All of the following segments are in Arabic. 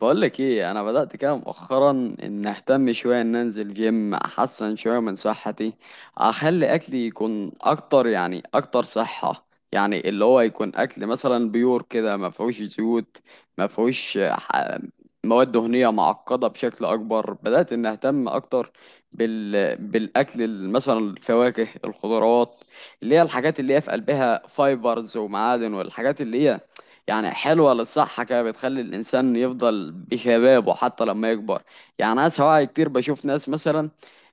بقولك ايه، انا بدأت كده مؤخرا ان اهتم شوية، ان انزل جيم احسن شوية من صحتي. اخلي اكلي يكون اكتر، يعني اكتر صحة. يعني اللي هو يكون اكل مثلا بيور كده، ما فيهوش زيوت، ما فيهوش مواد دهنية معقدة بشكل اكبر. بدأت ان اهتم اكتر بالاكل، مثلا الفواكه، الخضروات، اللي هي الحاجات اللي هي في قلبها فايبرز ومعادن، والحاجات اللي هي يعني حلوة للصحة كده، بتخلي الإنسان يفضل بشبابه حتى لما يكبر. يعني أنا سواء كتير بشوف ناس مثلا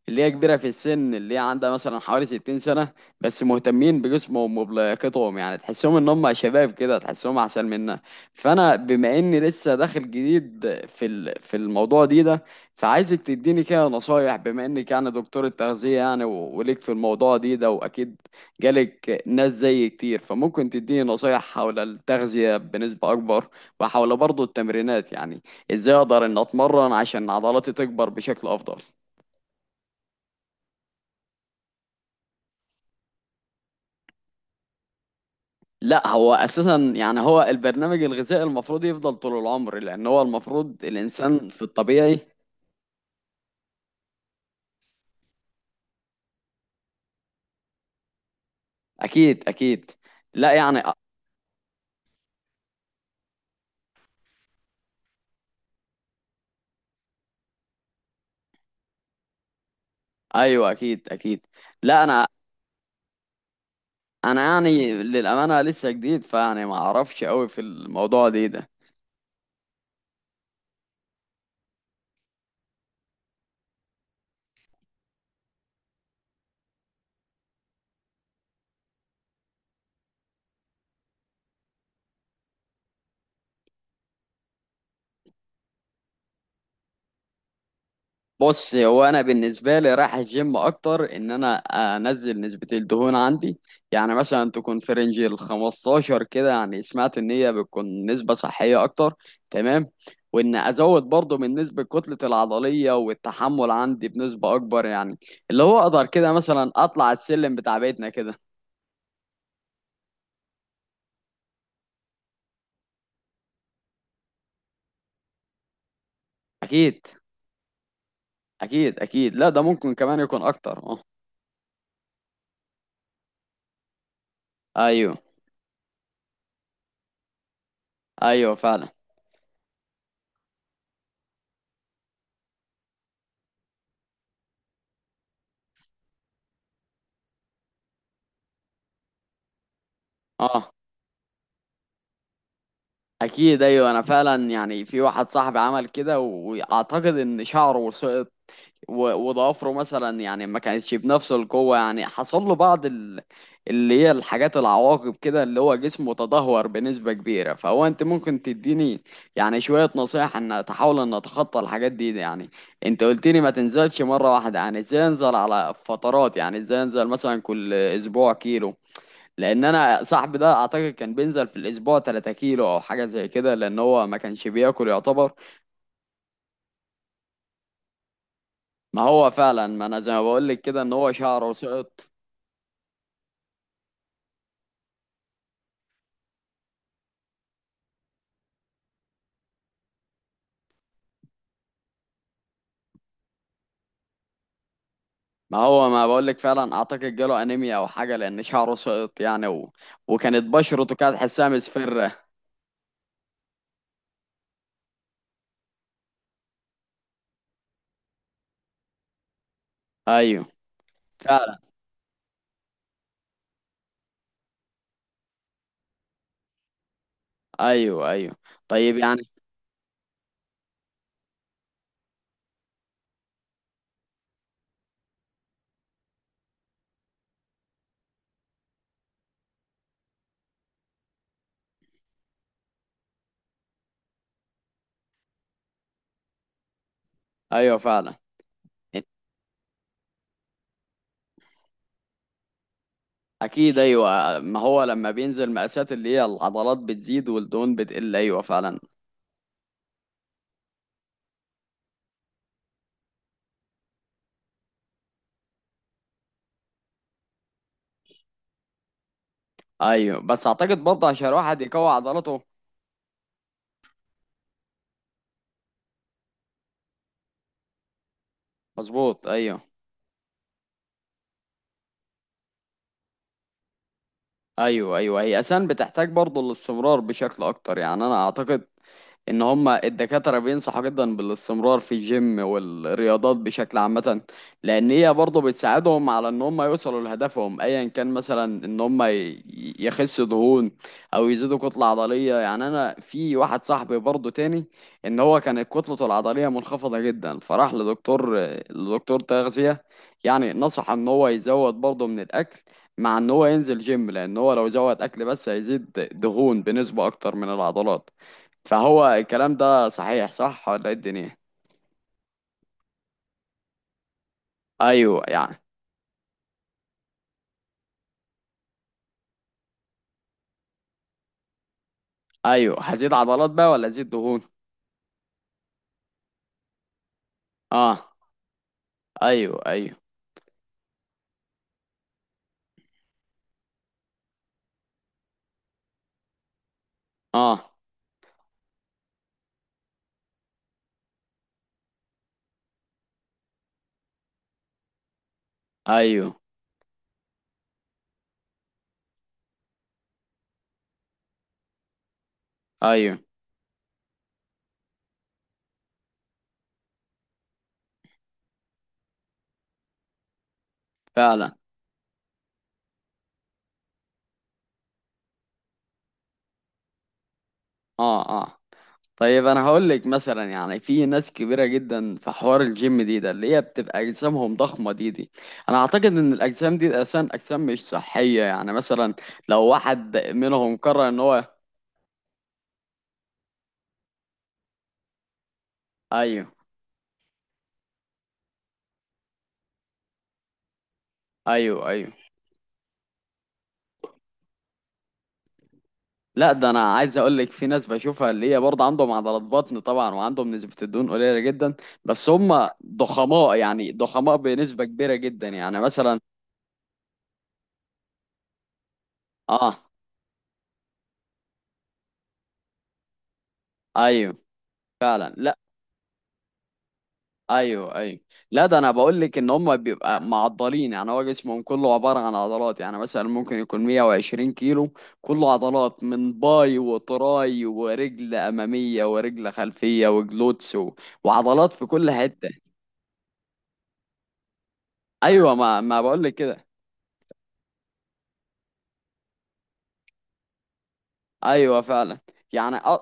اللي هي كبيرة في السن، اللي هي عندها مثلا حوالي 60 سنة، بس مهتمين بجسمهم وبلياقتهم، يعني تحسهم إن هم شباب كده، تحسهم أحسن منا. فأنا بما إني لسه داخل جديد في الموضوع ده، فعايزك تديني كده نصايح، بما إنك يعني دكتور التغذية، وليك في الموضوع ده، وأكيد جالك ناس زي كتير، فممكن تديني نصايح حول التغذية بنسبة أكبر، وحول برضو التمرينات، يعني إزاي أقدر إن أتمرن عشان عضلاتي تكبر بشكل أفضل. لا، هو أساسا يعني هو البرنامج الغذائي المفروض يفضل طول العمر، لأن هو المفروض الإنسان في الطبيعي. أكيد أكيد. لا يعني أيوه أكيد أكيد. لا، أنا يعني للأمانة لسه جديد، فيعني ما أعرفش أوي في الموضوع ده. بص، هو انا بالنسبه لي رايح الجيم اكتر ان انا انزل نسبه الدهون عندي، يعني مثلا تكون في رينج ال 15 كده، يعني سمعت ان هي بتكون نسبه صحيه اكتر. تمام. وان ازود برضه من نسبه كتله العضليه والتحمل عندي بنسبه اكبر، يعني اللي هو اقدر كده مثلا اطلع السلم بتاع بيتنا كده. اكيد. اكيد اكيد. لا، ده ممكن كمان يكون اكتر. اه. ايوه ايوه فعلا. اه. اكيد. ايوه، انا فعلا يعني في واحد صاحبي عمل كده واعتقد ان شعره وسقط، وضوافره مثلا يعني ما كانتش بنفس القوه، يعني حصل له بعض اللي هي الحاجات العواقب كده، اللي هو جسمه تدهور بنسبه كبيره. فهو انت ممكن تديني يعني شويه نصايح ان اتحاول ان اتخطى الحاجات دي، يعني انت قلت لي ما تنزلش مره واحده، يعني ازاي انزل على فترات؟ يعني ازاي انزل؟ مثلا كل اسبوع كيلو؟ لان انا صاحبي ده اعتقد كان بينزل في الاسبوع 3 كيلو او حاجه زي كده، لان هو ما كانش بياكل يعتبر. ما هو فعلا. ما انا زي ما بقول لك كده ان هو شعره سقط. ما هو ما بقول لك فعلا اعتقد جاله انيميا او حاجه، لان شعره سقط يعني وكانت بشرته كانت تحسها مصفرة. ايوه فعلا. ايوه ايوه. طيب يعني. ايوه فعلا. اكيد. ايوه، ما هو لما بينزل مقاسات اللي هي العضلات بتزيد والدهون بتقل، ايوه فعلا. ايوه، بس اعتقد برضه عشان الواحد يقوي عضلاته. مظبوط. ايوه ايوه. ايوه، هي اساسا بتحتاج برضه الاستمرار بشكل اكتر، يعني انا اعتقد ان هما الدكاترة بينصحوا جدا بالاستمرار في الجيم والرياضات بشكل عامة، لان هي برضه بتساعدهم على ان هما يوصلوا لهدفهم، ايا كان، مثلا ان يخسوا دهون، او يزيدوا كتلة عضلية. يعني انا في واحد صاحبي برضه تاني ان هو كانت كتلته العضلية منخفضة جدا، فراح لدكتور تغذية، يعني نصح ان هو يزود برضه من الاكل، مع ان هو ينزل جيم، لان هو لو زود اكل بس هيزيد دهون بنسبة اكتر من العضلات. فهو الكلام ده صحيح، صح ولا ايه الدنيا؟ ايوه يعني. ايوه، هزيد عضلات بقى ولا ازيد دهون؟ اه. ايوه ايوه. اه. ايوه ايوه فعلا. اه اه. طيب، انا هقول لك مثلا يعني في ناس كبيره جدا في حوار الجيم ده اللي هي بتبقى اجسامهم ضخمه دي. انا اعتقد ان الاجسام دي اصلا اجسام مش صحيه، يعني مثلا لو واحد منهم قرر ان هو. ايوه ايوه ايوه. لا، ده انا عايز اقول لك في ناس بشوفها اللي هي برضه عندهم عضلات بطن طبعا، وعندهم نسبة الدهون قليلة جدا، بس هم ضخماء، يعني ضخماء بنسبة كبيرة جدا، يعني مثلا. اه. ايوه فعلا. لا. ايوه ايوه. لا، ده انا بقول لك ان هم بيبقى معضلين، يعني هو جسمهم كله عبارة عن عضلات، يعني مثلا ممكن يكون 120 كيلو، كله عضلات من باي وتراي ورجل امامية ورجل خلفية وجلوتس وعضلات في كل حتة. ايوه، ما بقول لك كده. ايوه فعلا. يعني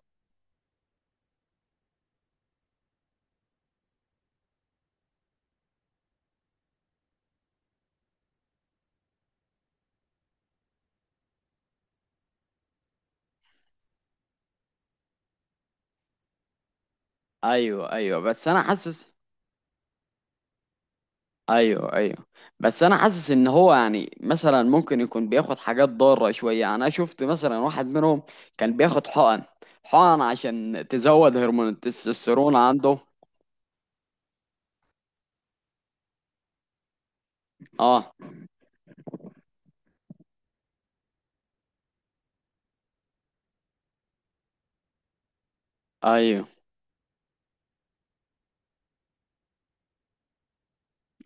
ايوه ايوه بس انا حاسس ايوه ايوه، بس انا حاسس ان هو يعني مثلا ممكن يكون بياخد حاجات ضاره شويه، يعني انا شفت مثلا واحد منهم كان بياخد حقن. حقن عشان تزود هرمون التستوستيرون عنده. اه. ايوه.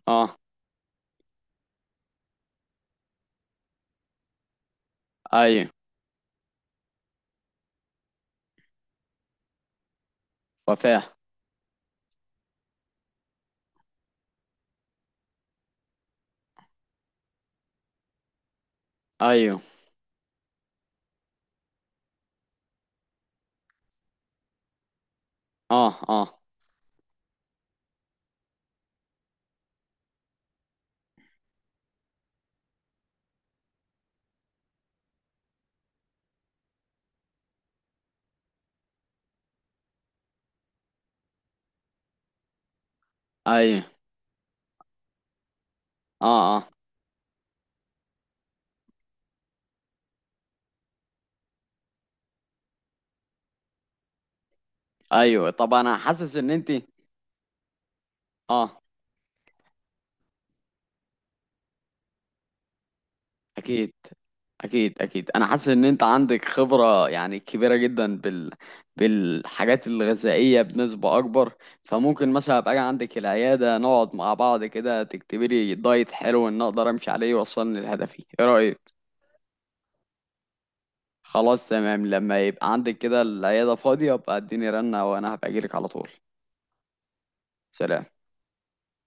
اه ايوه. وفاه. ايوه. اه اه. ايوه. اه اه. ايوه. طب انا حاسس ان انت. اه. اكيد اكيد. اكيد انا حاسس ان انت عندك خبره، يعني كبيره جدا بالحاجات الغذائيه بنسبه اكبر، فممكن مثلا ابقى أجي عندك العياده، نقعد مع بعض كده، تكتبي لي دايت حلو ان اقدر امشي عليه، يوصلني لهدفي. ايه رايك؟ خلاص تمام. لما يبقى عندك كده العياده فاضيه ابقى اديني رنه، وانا هبقى اجيلك على طول. سلام.